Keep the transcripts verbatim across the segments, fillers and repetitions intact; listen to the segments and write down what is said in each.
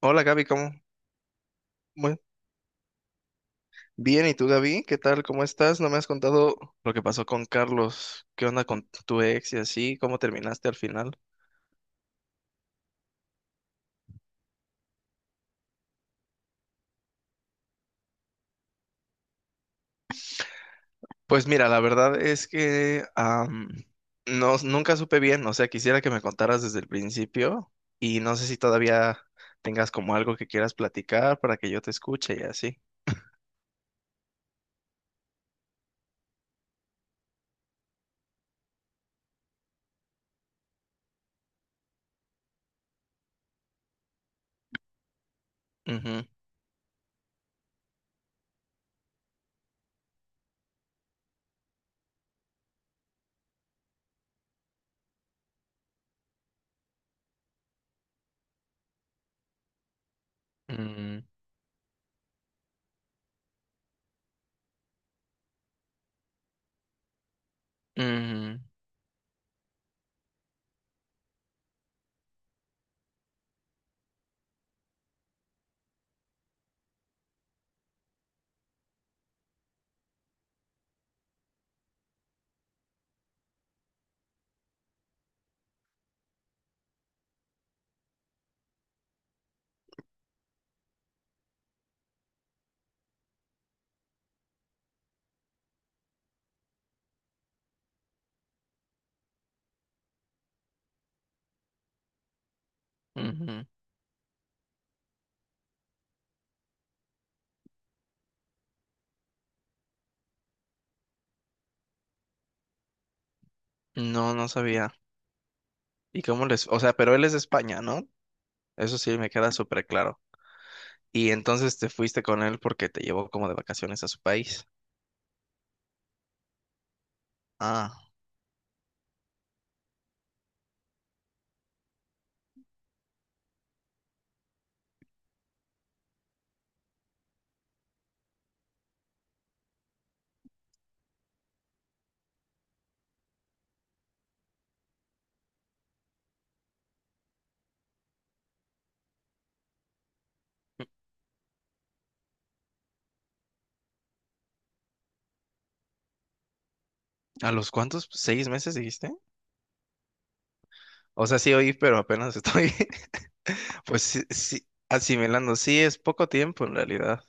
Hola Gaby, ¿cómo? Muy bien, ¿y tú Gaby? ¿Qué tal? ¿Cómo estás? No me has contado lo que pasó con Carlos. ¿Qué onda con tu ex y así? ¿Cómo terminaste al final? Pues mira, la verdad es que am, no, nunca supe bien, o sea, quisiera que me contaras desde el principio y no sé si todavía tengas como algo que quieras platicar para que yo te escuche y así. Ujú, ujú, ujú, ujú. No, no sabía. ¿Y cómo les...? O sea, pero él es de España, ¿no? Eso sí me queda súper claro. Y entonces te fuiste con él porque te llevó como de vacaciones a su país. Ah, ¿a los cuántos? ¿Seis meses dijiste? O sea, sí oí, pero apenas estoy, pues sí, sí, asimilando. Sí, es poco tiempo en realidad.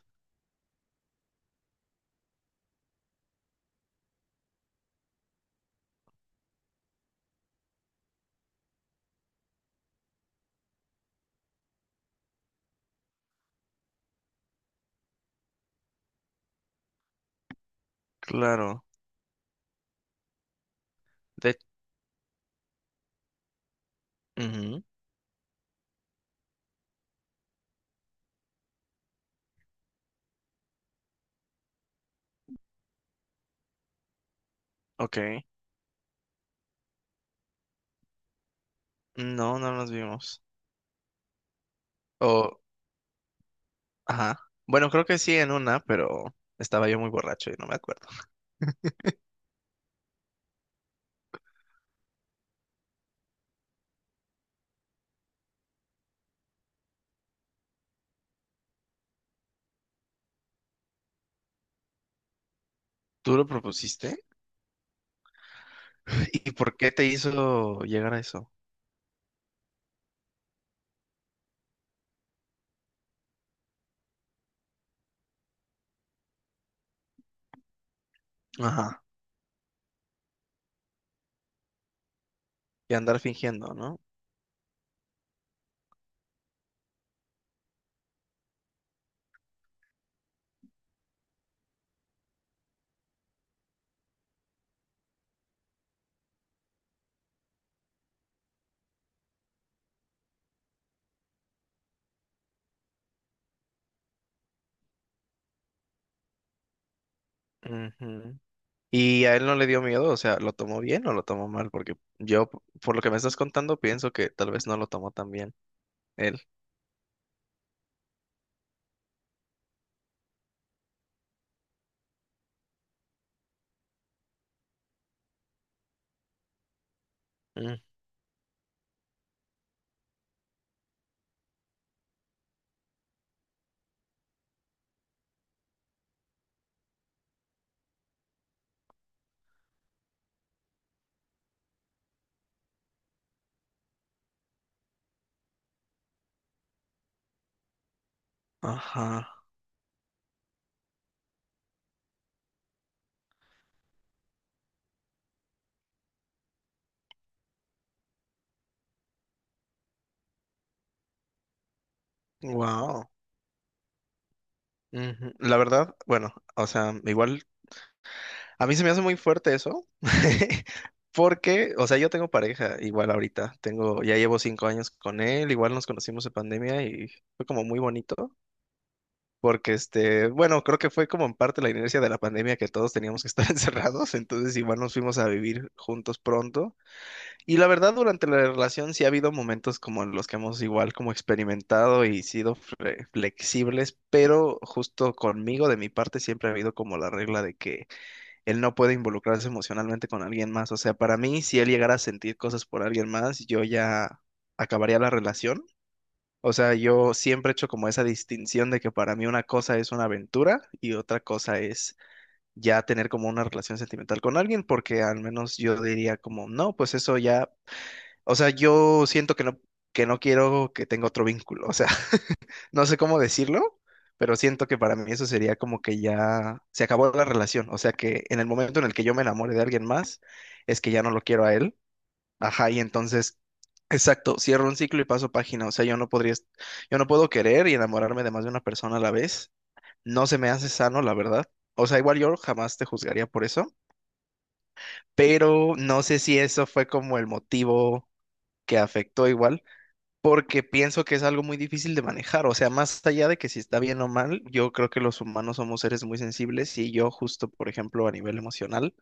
Claro. De... ujú. Ok. No, no nos vimos. O, ajá. Bueno, creo que sí en una, pero estaba yo muy borracho y no me acuerdo. ¿Tú lo propusiste? ¿Y por qué te hizo llegar a eso? Ajá. Y andar fingiendo, ¿no? Ujú. Y a él no le dio miedo, o sea, ¿lo tomó bien o lo tomó mal? Porque yo, p- por lo que me estás contando, pienso que tal vez no lo tomó tan bien él. Mm. Ajá. Wow. La verdad, bueno, o sea, igual, a mí se me hace muy fuerte eso, porque, o sea, yo tengo pareja igual ahorita, tengo, ya llevo cinco años con él, igual nos conocimos en pandemia y fue como muy bonito, porque este, bueno, creo que fue como en parte la inercia de la pandemia que todos teníamos que estar encerrados, entonces igual nos fuimos a vivir juntos pronto. Y la verdad, durante la relación sí ha habido momentos como en los que hemos igual como experimentado y sido fle- flexibles, pero justo conmigo, de mi parte, siempre ha habido como la regla de que él no puede involucrarse emocionalmente con alguien más. O sea, para mí, si él llegara a sentir cosas por alguien más, yo ya acabaría la relación. O sea, yo siempre he hecho como esa distinción de que para mí una cosa es una aventura y otra cosa es ya tener como una relación sentimental con alguien, porque al menos yo diría como, no, pues eso ya, o sea, yo siento que no, que no quiero que tenga otro vínculo. O sea, no sé cómo decirlo, pero siento que para mí eso sería como que ya se acabó la relación. O sea, que en el momento en el que yo me enamore de alguien más, es que ya no lo quiero a él. Ajá, y entonces, exacto, cierro un ciclo y paso página. O sea, yo no podría, yo no puedo querer y enamorarme de más de una persona a la vez. No se me hace sano, la verdad. O sea, igual yo jamás te juzgaría por eso, pero no sé si eso fue como el motivo que afectó igual porque pienso que es algo muy difícil de manejar. O sea, más allá de que si está bien o mal, yo creo que los humanos somos seres muy sensibles y yo justo, por ejemplo, a nivel emocional,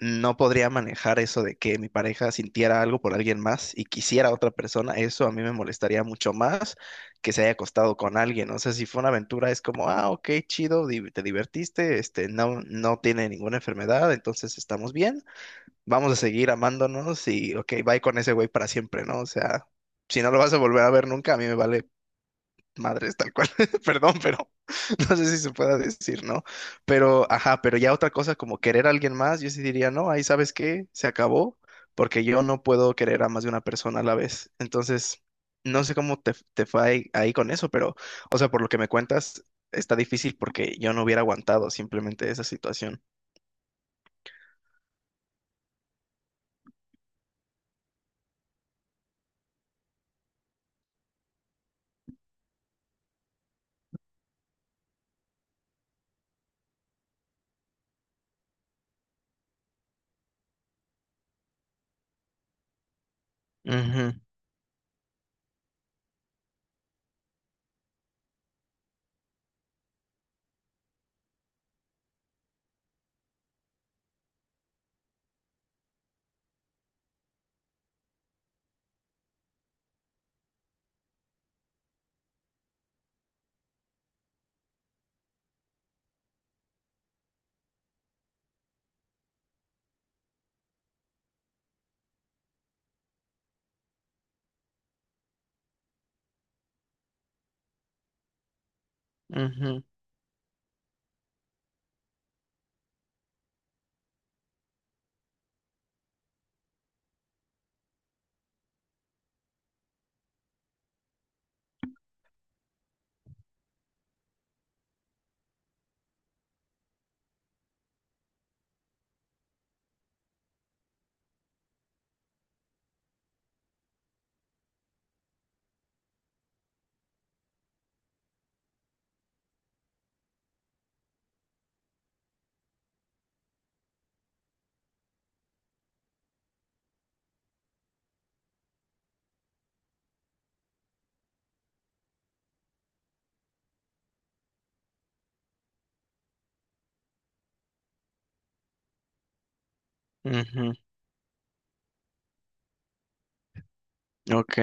no podría manejar eso de que mi pareja sintiera algo por alguien más y quisiera a otra persona. Eso a mí me molestaría mucho más que se haya acostado con alguien. O sea, si fue una aventura, es como, ah, ok, chido, di- te divertiste, este, no, no tiene ninguna enfermedad, entonces estamos bien, vamos a seguir amándonos y, ok, bye con ese güey para siempre, ¿no? O sea, si no lo vas a volver a ver nunca, a mí me vale madres tal cual. Perdón, pero no sé si se pueda decir, ¿no? Pero, ajá, pero ya otra cosa como querer a alguien más, yo sí diría, no, ahí sabes qué, se acabó, porque yo no puedo querer a más de una persona a la vez. Entonces, no sé cómo te, te fue ahí, ahí con eso, pero, o sea, por lo que me cuentas, está difícil porque yo no hubiera aguantado simplemente esa situación. Ujú, ujú, ujú. Ok,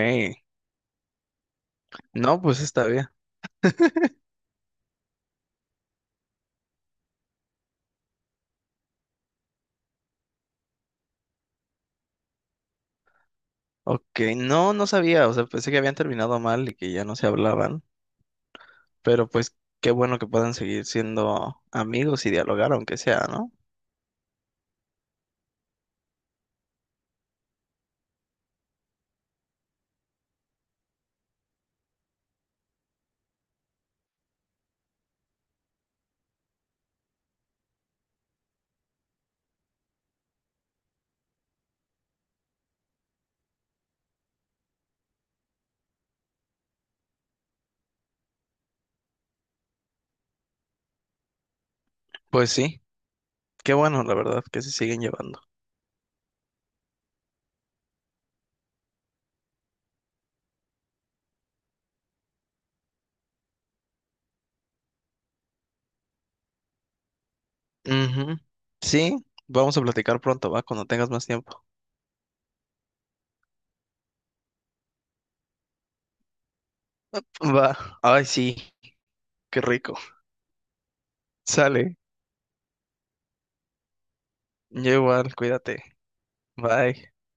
no, pues está bien. Ok, no, no sabía, o sea, pensé que habían terminado mal y que ya no se hablaban, pero pues qué bueno que puedan seguir siendo amigos y dialogar, aunque sea, ¿no? Pues sí, qué bueno, la verdad, que se siguen llevando. Ujú. Sí, vamos a platicar pronto, va, cuando tengas más tiempo. Va, ay, sí, qué rico. Sale, yo igual, cuídate, bye.